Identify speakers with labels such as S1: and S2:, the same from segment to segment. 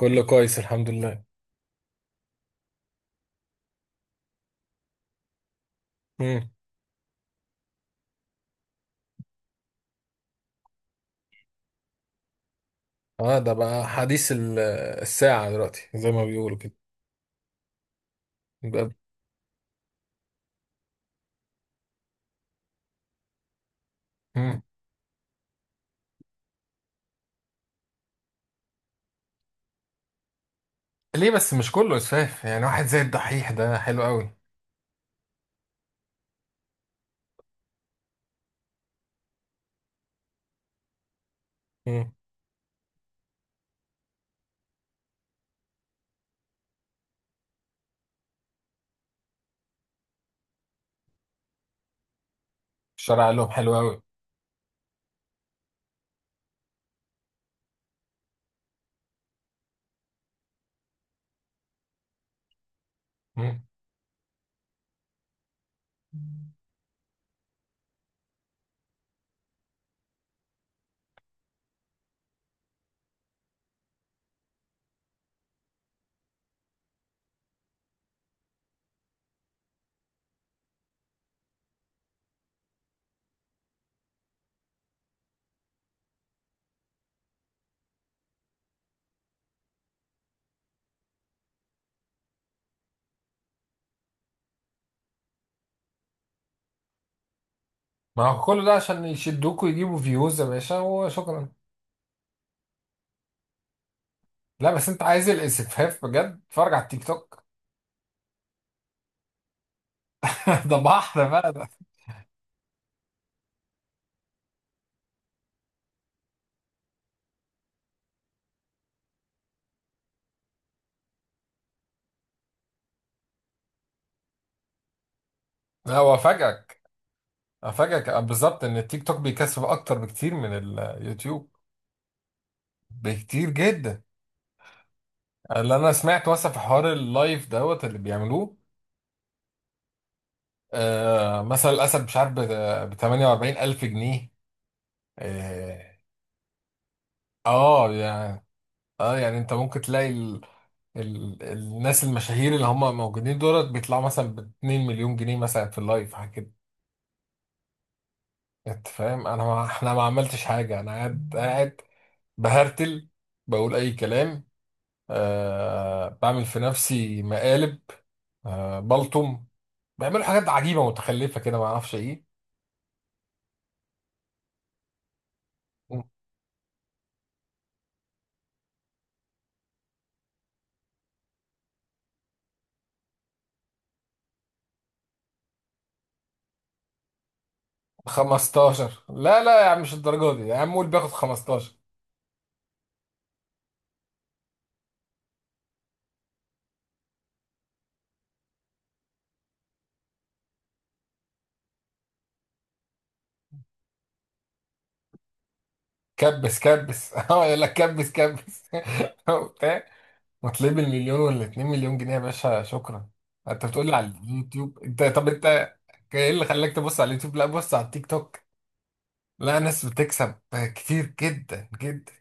S1: كله كويس الحمد لله. امم اه ده بقى حديث الساعة دلوقتي زي ما بيقولوا كده. بجد. مم. ليه بس مش كله اسفاف، يعني واحد زي الدحيح ده حلو قوي. امم الشارع قال لهم حلو قوي. مم. ما هو كله ده عشان يشدوك ويجيبوا فيوز يا باشا وشكرا. لا بس انت عايز الاسفاف بجد، اتفرج على التيك توك. ده بحر بقى ده. لا هو افاجئك بالظبط ان التيك توك بيكسب اكتر بكتير من اليوتيوب، بكتير جدا. اللي انا سمعت مثلا في حوار اللايف دوت اللي بيعملوه، مثلا الاسد مش عارف ب 48 الف جنيه. اه. آه، يعني اه يعني انت ممكن تلاقي ال الناس المشاهير اللي هم موجودين دولت بيطلعوا مثلا ب 2 مليون جنيه مثلا، في اللايف حاجه كده. انت فاهم؟ انا ما احنا ما عملتش حاجه، انا قاعد قاعد بهرتل، بقول اي كلام. بعمل في نفسي مقالب. بلطم. بيعملوا حاجات عجيبه متخلفه كده ما اعرفش ايه. 15، لا لا يا عم، مش الدرجه دي يا عم، قول بياخد 15. كبس كبس اه يقول لك كبس كبس وبتاع. وتلاقيه بالمليون ولا 2 مليون جنيه، يا باشا شكرا. انت بتقول لي على اليوتيوب. انت طب انت ايه اللي خلاك تبص على اليوتيوب؟ لا بص على التيك توك. لا ناس بتكسب كتير جدا جدا.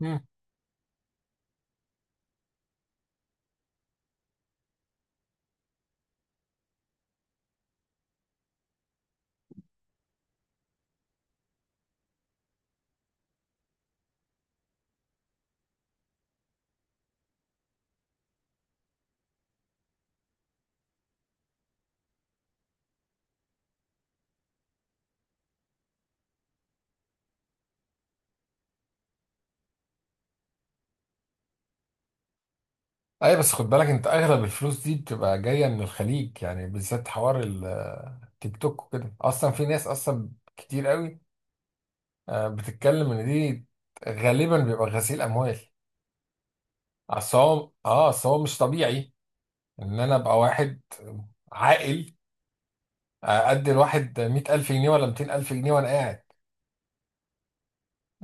S1: مم. اي بس خد بالك انت اغلب الفلوس دي بتبقى جايه من الخليج، يعني بالذات حوار التيك توك وكده، اصلا في ناس اصلا كتير قوي بتتكلم ان دي غالبا بيبقى غسيل اموال. اصل هو مش طبيعي ان انا ابقى واحد عاقل، ادي الواحد 100,000 جنيه ولا 200,000 جنيه وانا قاعد.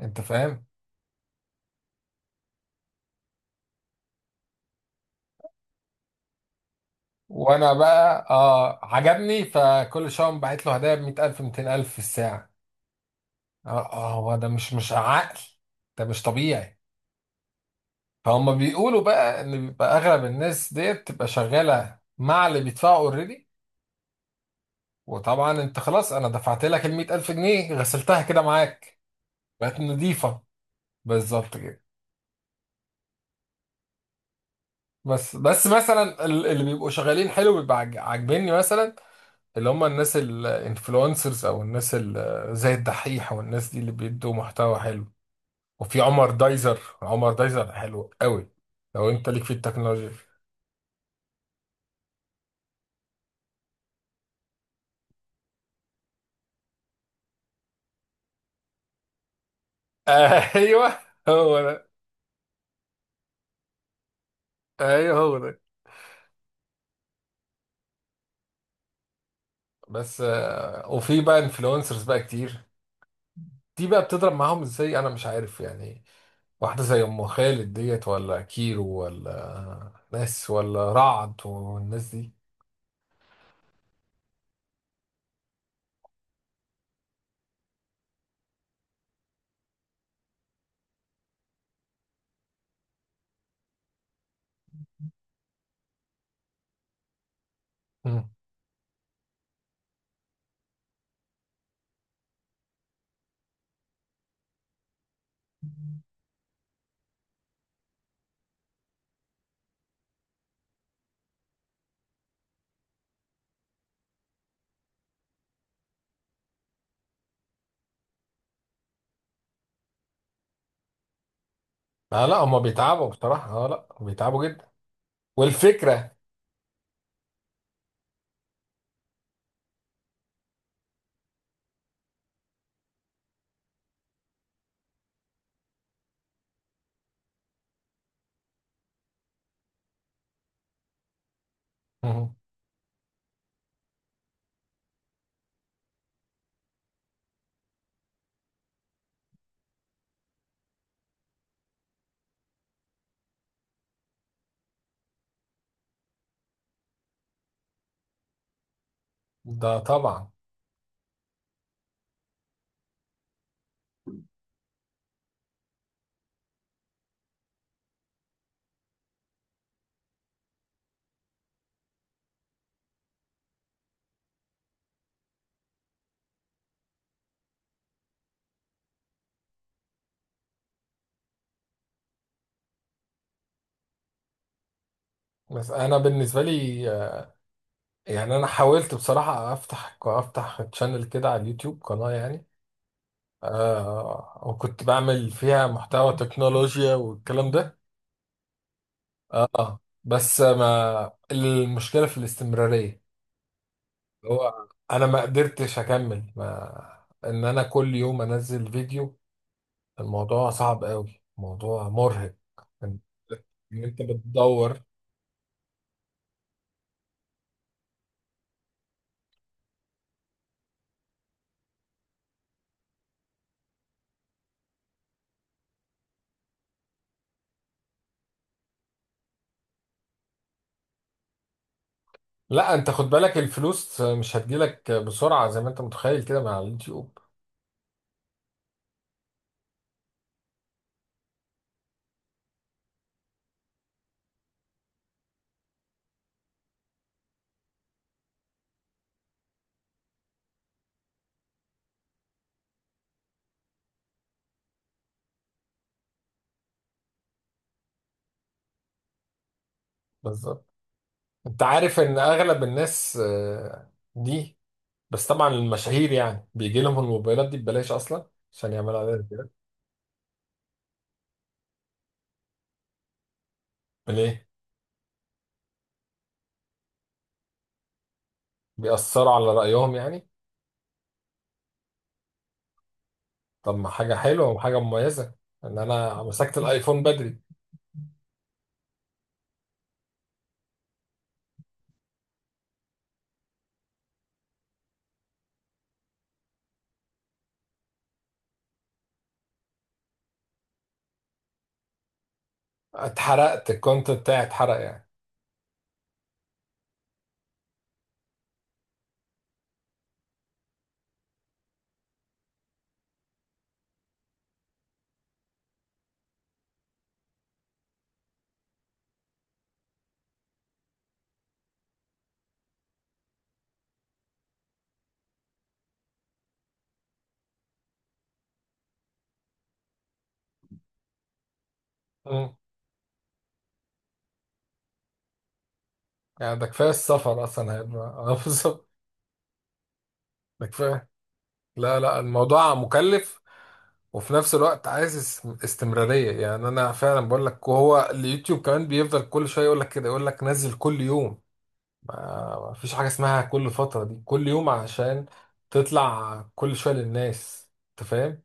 S1: انت فاهم؟ وانا بقى عجبني، فكل شويه بعت له هدايا ب 100,000 200,000 في الساعه. اه هو ده مش عقل. ده مش طبيعي. فهم بيقولوا بقى ان بيبقى اغلب الناس ديت بتبقى شغاله مع اللي بيدفعوا اوريدي، وطبعا انت خلاص، انا دفعت لك ال 100,000 جنيه غسلتها كده معاك، بقت نظيفه. بالظبط كده. بس مثلا، اللي بيبقوا شغالين حلو بيبقى عاجبني، مثلا اللي هم الناس الانفلونسرز، او الناس زي الدحيح، والناس دي اللي بيدوا محتوى حلو. وفي عمر دايزر، عمر دايزر حلو قوي. لو انت ليك في التكنولوجيا. ايوه هو ده، ايوه هو ده. بس وفي بقى انفلونسرز بقى كتير. دي بقى بتضرب معاهم ازاي انا مش عارف يعني. واحدة زي ام خالد ديت ولا كيرو ولا ناس ولا رعد والناس دي. مم. آه لا هما بيتعبوا بصراحة، اه لا بيتعبوا جدا. والفكرة. مم. ده طبعا. بس انا بالنسبة لي يعني انا حاولت بصراحة افتح تشانل كده على اليوتيوب، قناة يعني. وكنت بعمل فيها محتوى تكنولوجيا والكلام ده. اه بس ما المشكلة في الاستمرارية. هو انا ما قدرتش اكمل، ما ان انا كل يوم انزل فيديو. الموضوع صعب قوي، موضوع مرهق. ان إن انت بتدور. لا انت خد بالك الفلوس مش هتجيلك بسرعة زي ما انت متخيل كده مع اليوتيوب. بالظبط. انت عارف ان اغلب الناس دي، بس طبعا المشاهير يعني بيجي لهم الموبايلات دي ببلاش اصلا، عشان يعملوا عليها كده. ليه؟ بيأثروا على رأيهم يعني؟ طب ما حاجة حلوة وحاجة مميزة، ان انا مسكت الايفون بدري. اتحرقت الكونت بتاعي، اتحرق يعني. مم. يعني ده كفايه السفر اصلا هيبقى اه بالظبط. ده كفايه. لا لا الموضوع مكلف. وفي نفس الوقت عايز استمراريه. يعني انا فعلا بقول لك، وهو اليوتيوب كمان بيفضل كل شويه يقول لك كده، يقول لك نزل كل يوم. ما ما فيش حاجه اسمها كل فتره دي، كل يوم عشان تطلع كل شويه للناس. انت فاهم؟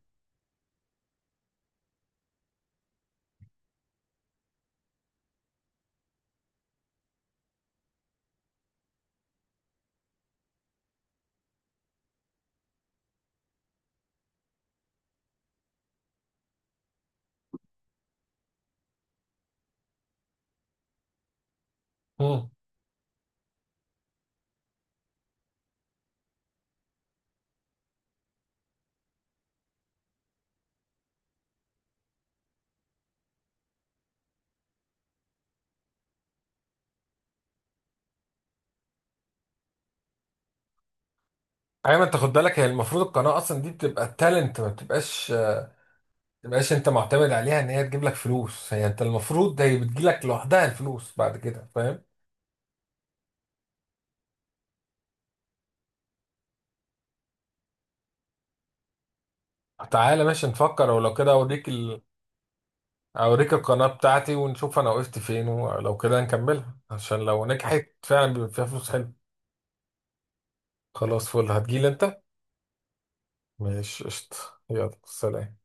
S1: مم. ايوه ما انت خد بالك هي المفروض القناه اصلا دي بتبقى تالنت، ما تبقاش انت معتمد عليها ان هي تجيب لك فلوس، هي انت المفروض هي بتجي لك لوحدها الفلوس بعد كده، فاهم. تعالى ماشي نفكر، ولو كده اوريك القناة بتاعتي، ونشوف انا وقفت فين، ولو كده نكملها عشان لو نجحت فعلا بيبقى فيها فلوس حلوه. خلاص فل هتجيلي انت. ماشي قشطة. يلا سلام.